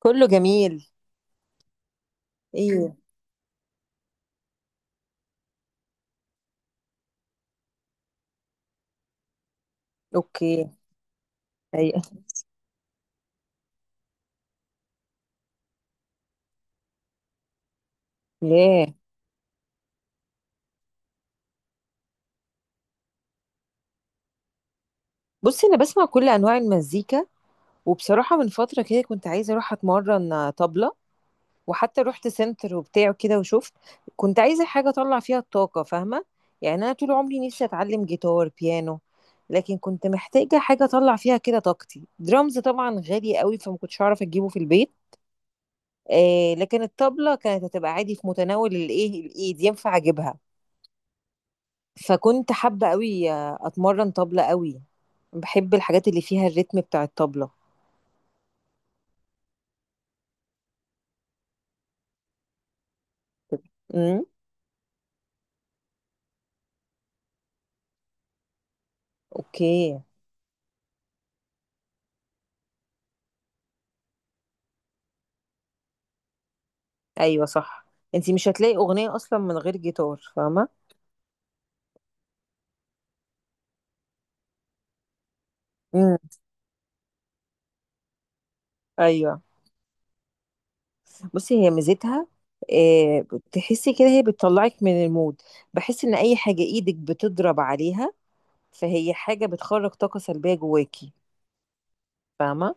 كله جميل. ايه. اوكي. أي- ليه؟ بصي، انا بسمع كل انواع المزيكا. وبصراحه من فتره كده كنت عايزه اروح اتمرن طبله، وحتى رحت سنتر وبتاع كده وشفت. كنت عايزه حاجه اطلع فيها الطاقه، فاهمه؟ يعني انا طول عمري نفسي اتعلم جيتار، بيانو، لكن كنت محتاجه حاجه اطلع فيها كده طاقتي. درامز طبعا غالي قوي، فما كنتش هعرف اجيبه في البيت. آه، لكن الطبله كانت هتبقى عادي في متناول الايد، ينفع اجيبها. فكنت حابة قوي اتمرن طبلة قوي. بحب الحاجات اللي فيها الريتم بتاع الطبلة. امم. اوكي. ايوه صح. انتي مش هتلاقي اغنية اصلا من غير جيتار، فاهمة؟ امم. ايوه. بصي، هي ميزتها، آه، تحسي كده هي بتطلعك من المود. بحس ان اي حاجة ايدك بتضرب عليها، فهي حاجة بتخرج طاقة سلبية جواكي. فاهمة.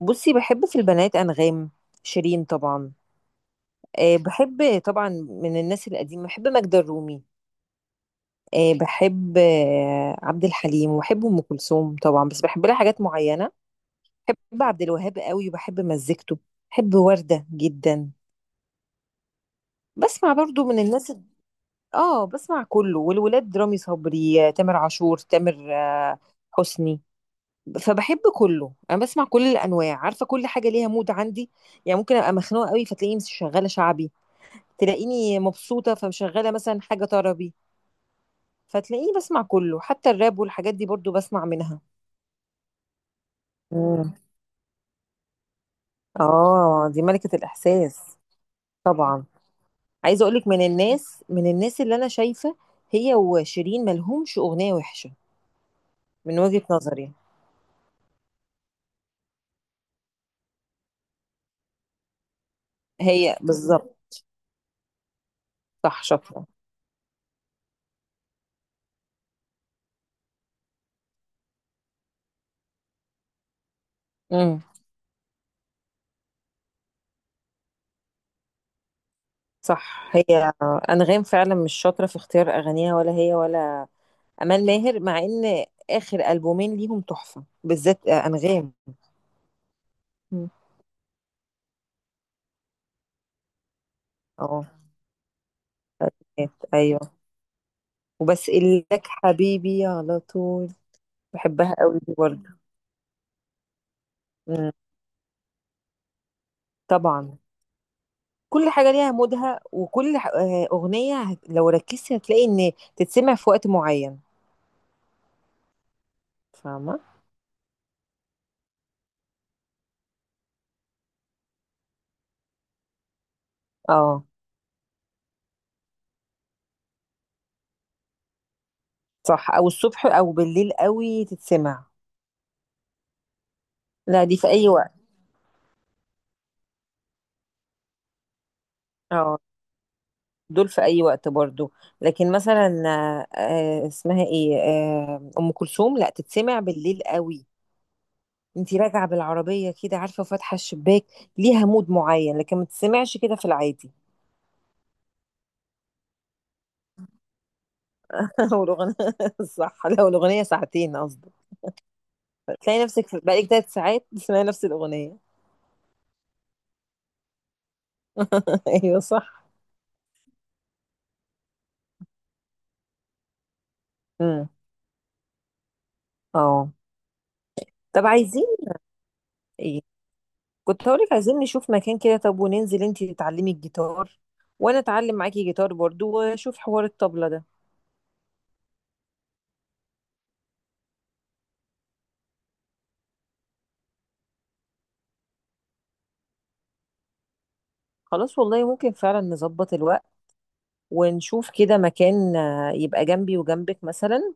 بصي، بحب في البنات انغام، شيرين طبعا. بحب طبعا من الناس القديمة بحب ماجدة الرومي. بحب عبد الحليم، وبحب ام كلثوم طبعا بس بحب لها حاجات معينه. بحب عبد الوهاب قوي، وبحب مزيكته. بحب ورده جدا. بسمع برضو من الناس اه، بسمع كله. والولاد رامي صبري، تامر عاشور، تامر آه، حسني. فبحب كله، انا بسمع كل الانواع. عارفه، كل حاجه ليها مود عندي. يعني ممكن ابقى مخنوقه قوي فتلاقيني مش شغاله شعبي، تلاقيني مبسوطه فمشغله مثلا حاجه طربي، فتلاقيني بسمع كله. حتى الراب والحاجات دي برضو بسمع منها. اه، دي ملكة الإحساس طبعا. عايزة أقولك، من الناس اللي أنا شايفة، هي وشيرين ملهمش أغنية وحشة من وجهة نظري. هي بالظبط. صح، شاطرة. امم. صح. هي أنغام فعلا مش شاطرة في اختيار أغانيها، ولا هي ولا أمال ماهر، مع إن آخر ألبومين ليهم تحفة، بالذات أنغام. مم. اه. أيوه، وبس إلك حبيبي على طول. بحبها قوي دي برضه. مم. طبعا. كل حاجة ليها مودها، وكل أغنية لو ركزتي هتلاقي إن تتسمع في وقت معين. فاهمة؟ اه. صح، أو الصبح أو بالليل قوي تتسمع. لا، دي في أي وقت. اه، دول في أي وقت برضو. لكن مثلا آه، اسمها إيه، أم كلثوم لا تتسمع بالليل قوي. انتي راجعة بالعربية كده، عارفة، فاتحة الشباك. ليها مود معين، لكن ما تتسمعش كده في العادي. لو الأغنية صح، لو الأغنية ساعتين قصدي. تلاقي نفسك بقالك تلات ساعات بتسمعي نفس الأغنية. أيوه صح. امم. اه. طب عايزين ايه. كنت هقولك عايزين نشوف مكان كده، طب وننزل انتي تتعلمي الجيتار وانا اتعلم معاكي جيتار برضو، واشوف حوار الطبلة ده. خلاص، والله ممكن فعلا نظبط الوقت، ونشوف كده مكان يبقى جنبي وجنبك مثلا.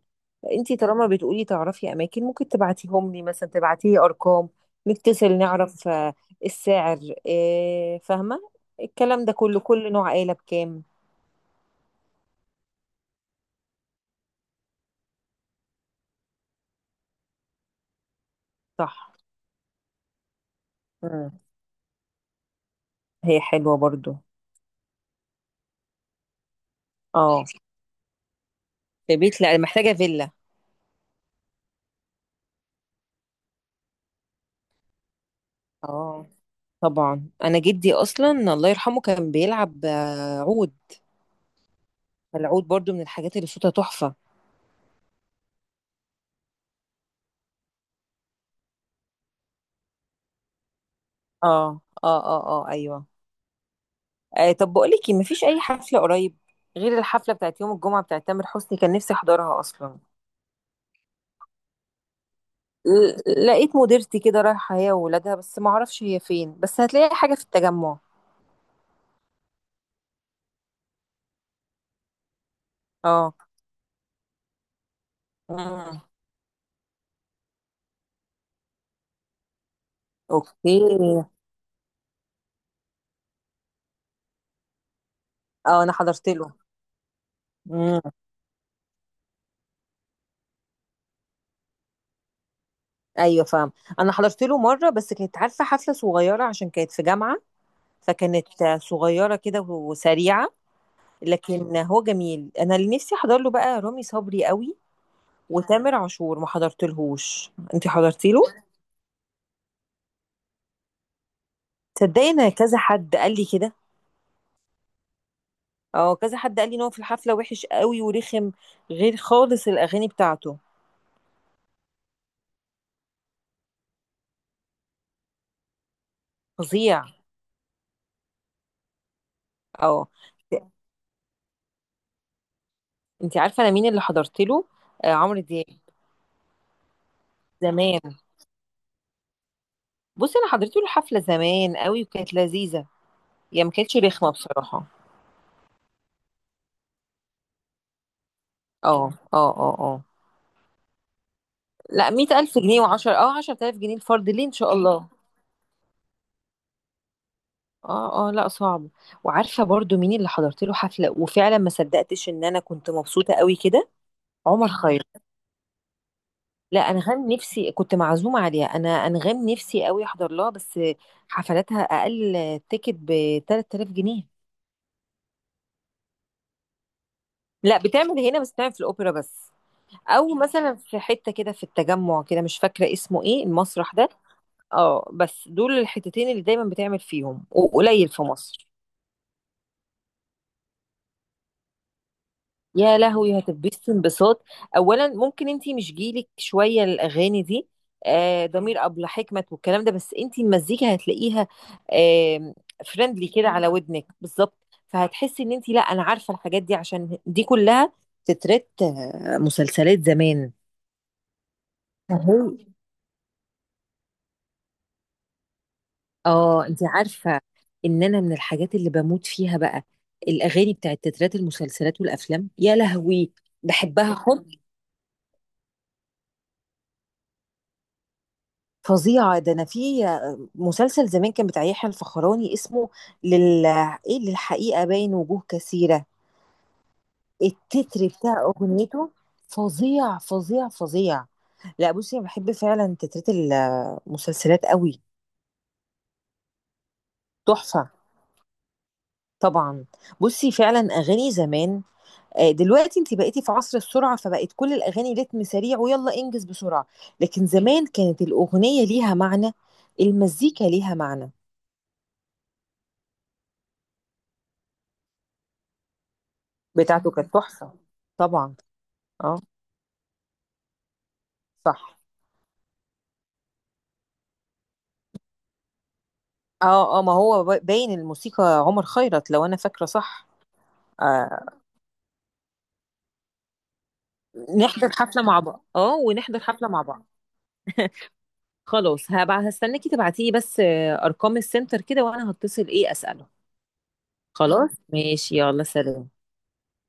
انتي طالما بتقولي تعرفي اماكن، ممكن تبعتيهم لي، مثلا تبعتيلي ارقام، نتصل، نعرف السعر، فاهمة، الكلام ده كله، كل نوع آلة بكام. صح. مم. هي حلوة برضو. اه، في بيت لا، محتاجة فيلا. اه طبعا، انا جدي اصلا الله يرحمه كان بيلعب عود. فالعود برضو من الحاجات اللي صوتها تحفة. اه اه اه اه ايوه. آه، طب بقولك ما مفيش اي حفلة قريب غير الحفلة بتاعت يوم الجمعة بتاعت تامر حسني، كان نفسي احضرها اصلا. لقيت مديرتي كده رايحة هي وولادها، بس ما اعرفش هي فين، بس هتلاقي حاجة في التجمع. اه. مم. اوكي. اه انا حضرت له. ايوه، فاهم. انا حضرت له مره، بس كانت عارفه حفله صغيره عشان كانت في جامعه، فكانت صغيره كده وسريعه. لكن هو جميل. انا اللي نفسي احضر له بقى رامي صبري قوي، وتامر عاشور ما حضرتلهوش. انت حضرتي له؟ تصدقي انا كذا حد قال لي كده. اه كذا حد قال لي ان هو في الحفله وحش قوي ورخم، غير خالص الاغاني بتاعته. فظيع. اه، انت عارفه انا مين اللي حضرت له؟ آه، عمرو دياب زمان. بصي انا حضرت له الحفله زمان قوي وكانت لذيذه. هي ما كانتش رخمة بصراحة. اه اه اه اه. لا، مية ألف جنيه! وعشرة، اه عشرة آلاف جنيه الفرد ليه إن شاء الله. اه اه، لا صعب. وعارفة برضو مين اللي حضرت له حفلة وفعلا ما صدقتش إن أنا كنت مبسوطة قوي كده؟ عمر خيرت. لا، أنغام نفسي. كنت معزومة عليها أنا. أنغام نفسي قوي أحضر لها بس حفلاتها أقل تيكت ب 3000 جنيه. لا، بتعمل هنا بس، بتعمل في الأوبرا بس. أو مثلا في حتة كده في التجمع كده، مش فاكرة اسمه إيه المسرح ده. اه، بس دول الحتتين اللي دايما بتعمل فيهم، وقليل في مصر. يا لهوي، هتتبسط انبساط. اولا ممكن انتي مش جيلك شويه الاغاني دي، آه ضمير، ابلة حكمت والكلام ده، بس انتي المزيكا هتلاقيها، آه، فريندلي كده على ودنك بالظبط. فهتحسي ان انتي، لا انا عارفه الحاجات دي، عشان دي كلها تترات مسلسلات زمان. أهو. اه، انت عارفه ان انا من الحاجات اللي بموت فيها بقى الاغاني بتاعت تترات المسلسلات والافلام، يا لهوي بحبها حب فظيعه. ده انا في مسلسل زمان كان بتاع يحيى الفخراني، اسمه لل ايه للحقيقه، باين وجوه كثيره، التتر بتاع اغنيته فظيع فظيع فظيع. لا بصي، انا بحب فعلا تترات المسلسلات قوي. تحفه. طبعا. بصي فعلا اغاني زمان، دلوقتي انت بقيتي في عصر السرعة، فبقت كل الأغاني رتم سريع، ويلا انجز بسرعة. لكن زمان كانت الأغنية ليها معنى، المزيكا ليها معنى. بتاعته كانت تحفة. طبعا. اه. صح. اه اه، ما هو باين الموسيقى عمر خيرت لو أنا فاكرة صح. آه، نحضر حفلة مع بعض، اه ونحضر حفلة مع بعض. خلاص، هبقى هستناكي تبعتيلي بس أرقام السنتر كده، وأنا هتصل ايه أسأله. خلاص ماشي، يلا سلام.